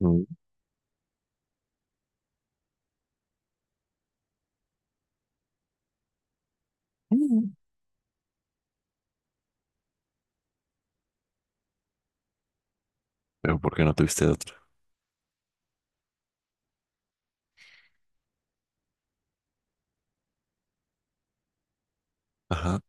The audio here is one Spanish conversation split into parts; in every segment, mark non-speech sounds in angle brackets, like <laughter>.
Mm. Mm. Pero ¿por qué no tuviste otra? Ajá.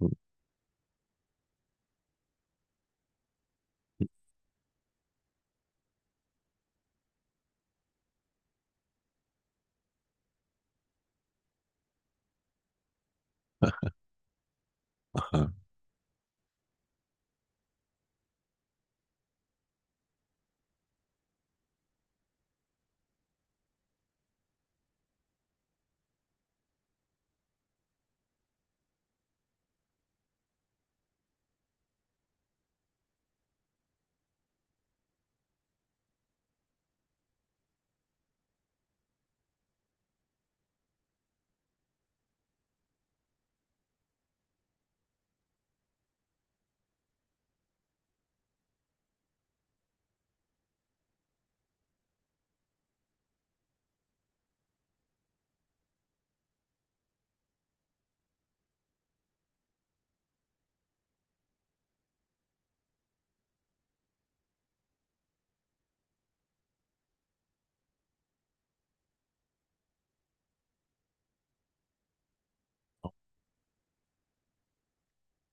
Mm, mm. Ajá.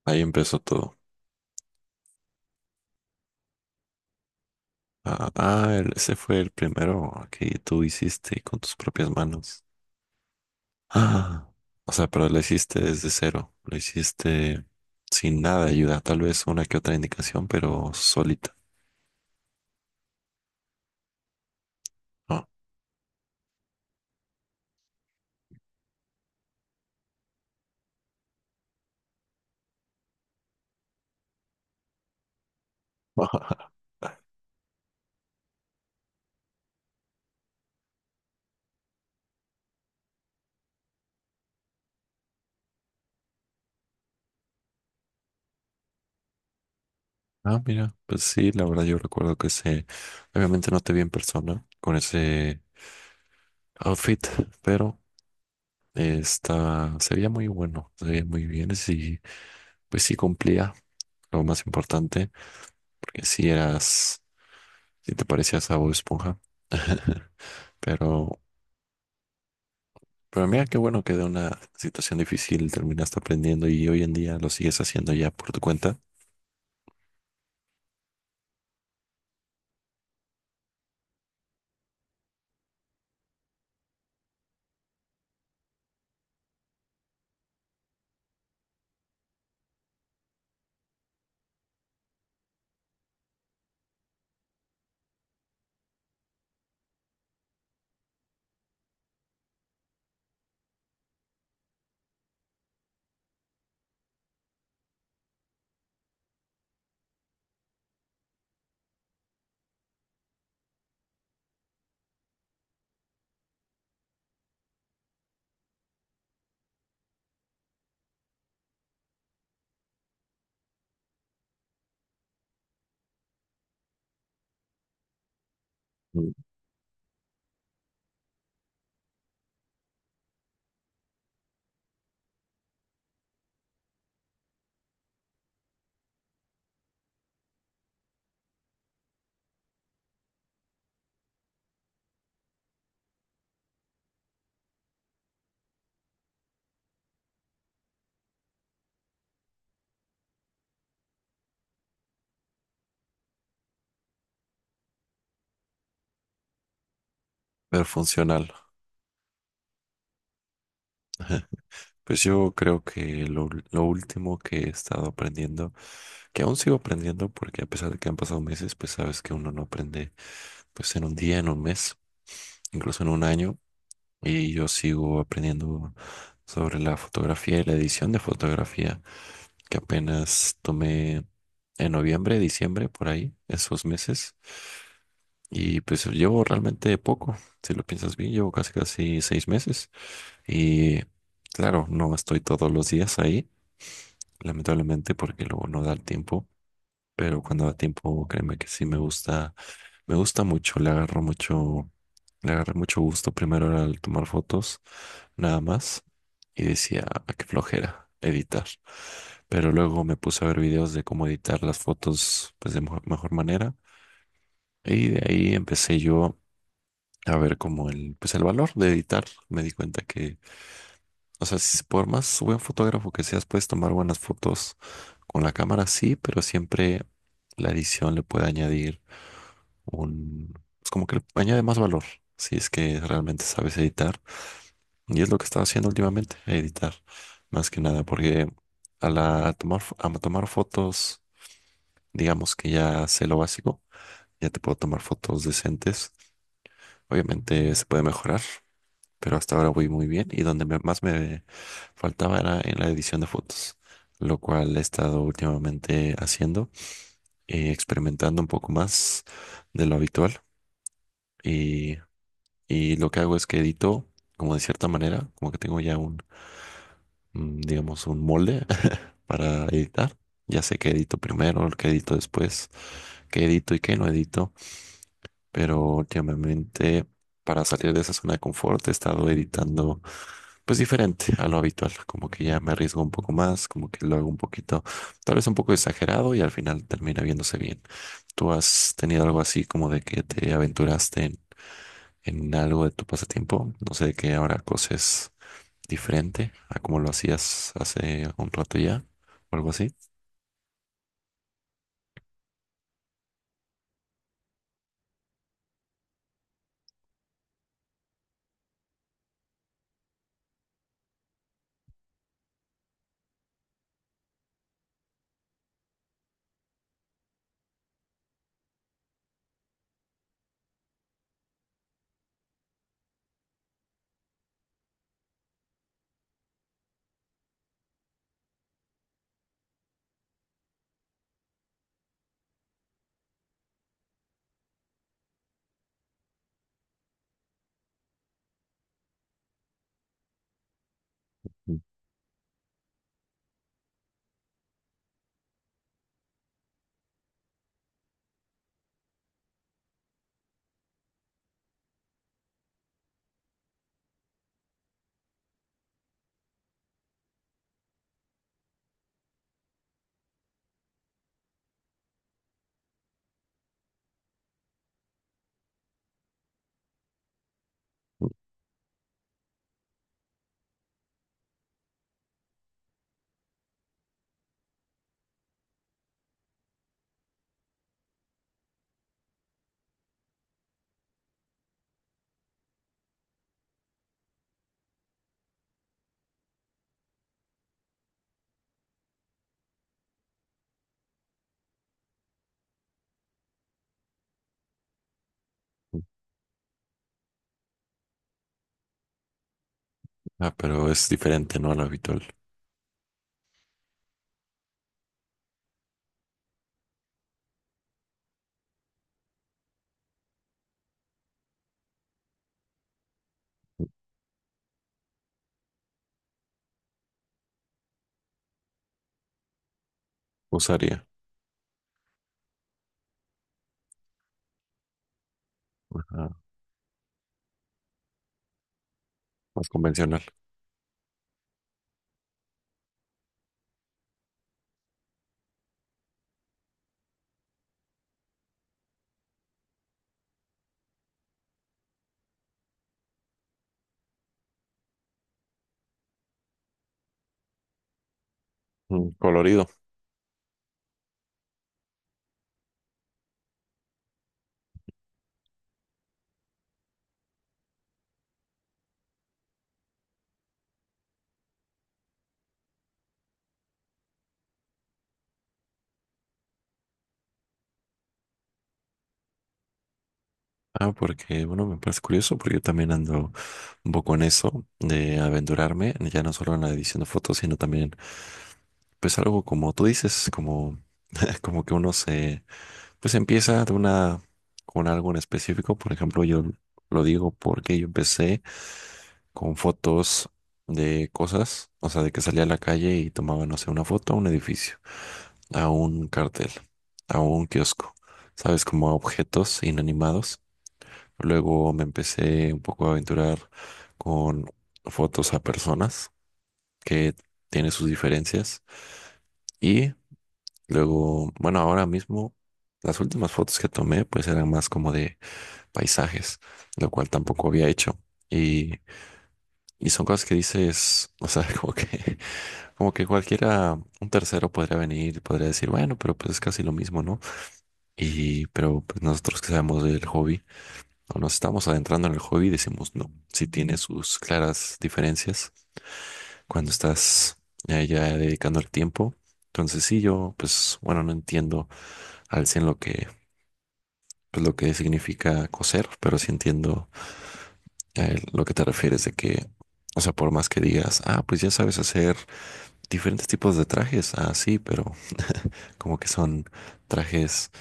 Ahí empezó todo. Ese fue el primero que tú hiciste con tus propias manos. Ah. O sea, pero lo hiciste desde cero. Lo hiciste sin nada de ayuda. Tal vez una que otra indicación, pero solita, ¿no? <laughs> Ah, mira. Pues sí, la verdad yo recuerdo que ese... Obviamente no te vi en persona con ese outfit, pero... Está, se veía muy bien. Pues sí cumplía lo más importante, porque si te parecías a Bob Esponja. <laughs> Pero, pero mira qué bueno que de una situación difícil terminaste aprendiendo y hoy en día lo sigues haciendo ya por tu cuenta. Mm. Pero funcional. <laughs> Pues yo creo que lo último que he estado aprendiendo, que aún sigo aprendiendo, porque a pesar de que han pasado meses, pues sabes que uno no aprende pues en un día, en un mes, incluso en un año. Y yo sigo aprendiendo sobre la fotografía y la edición de fotografía, que apenas tomé en noviembre, diciembre, por ahí, esos meses. Y pues llevo realmente poco, si lo piensas bien, llevo casi casi 6 meses. Y claro, no estoy todos los días ahí, lamentablemente, porque luego no da el tiempo. Pero cuando da tiempo, créeme que sí me gusta. Me gusta mucho, le agarro mucho, le agarré mucho gusto. Primero era el tomar fotos, nada más. Y decía: "Ah, qué flojera editar". Pero luego me puse a ver videos de cómo editar las fotos pues, de mejor manera. Y de ahí empecé yo a ver como el, pues, el valor de editar. Me di cuenta que, o sea, por más buen fotógrafo que seas, puedes tomar buenas fotos con la cámara, sí, pero siempre la edición le puede añadir un, es como que le añade más valor, si es que realmente sabes editar. Y es lo que estaba haciendo últimamente, editar, más que nada, porque a la, a tomar, fo- a tomar fotos, digamos que ya sé lo básico, ya te puedo tomar fotos decentes. Obviamente se puede mejorar, pero hasta ahora voy muy bien. Y donde más me faltaba era en la edición de fotos, lo cual he estado últimamente haciendo, experimentando un poco más de lo habitual. Y Y lo que hago es que edito, como de cierta manera, como que tengo ya un, mm, digamos, un molde <laughs> para editar. Ya sé qué edito primero, qué edito después, qué edito y qué no edito, pero últimamente para salir de esa zona de confort he estado editando pues diferente a lo habitual, como que ya me arriesgo un poco más, como que lo hago un poquito, tal vez un poco exagerado y al final termina viéndose bien. ¿Tú has tenido algo así como de que te aventuraste en algo de tu pasatiempo? No sé de qué ahora coses, diferente a como lo hacías hace un rato ya, o algo así. Mm. Ah, pero es diferente, ¿no? A lo habitual. Usaría, ajá, más convencional. Mm, colorido. Ah, porque, bueno, me parece curioso porque yo también ando un poco en eso de aventurarme, ya no solo en la edición de fotos, sino también, pues algo como tú dices, como, <laughs> como que uno se... Pues empieza de una, con algo en específico. Por ejemplo, yo lo digo porque yo empecé con fotos de cosas, o sea, de que salía a la calle y tomaba, no sé, una foto a un edificio, a un cartel, a un kiosco, ¿sabes? Como a objetos inanimados. Luego me empecé un poco a aventurar con fotos a personas que tienen sus diferencias. Y luego, bueno, ahora mismo, las últimas fotos que tomé, pues eran más como de paisajes, lo cual tampoco había hecho. Y, y son cosas que dices, o sea, <laughs> como que cualquiera, un tercero podría venir y podría decir, bueno, pero pues es casi lo mismo, ¿no? Y, pero pues nosotros que sabemos del hobby, o nos estamos adentrando en el hobby, decimos, no, sí tiene sus claras diferencias cuando estás ya dedicando el tiempo. Entonces sí, yo, pues, bueno, no entiendo al 100% lo que, pues, lo que significa coser, pero sí entiendo lo que te refieres de que... O sea, por más que digas, ah, pues ya sabes hacer diferentes tipos de trajes, ah, sí, pero como que son trajes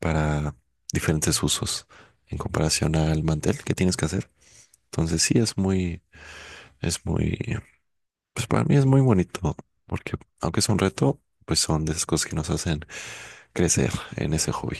para diferentes usos en comparación al mantel que tienes que hacer. Entonces sí, es muy, pues para mí es muy bonito, porque aunque es un reto, pues son de esas cosas que nos hacen crecer en ese hobby.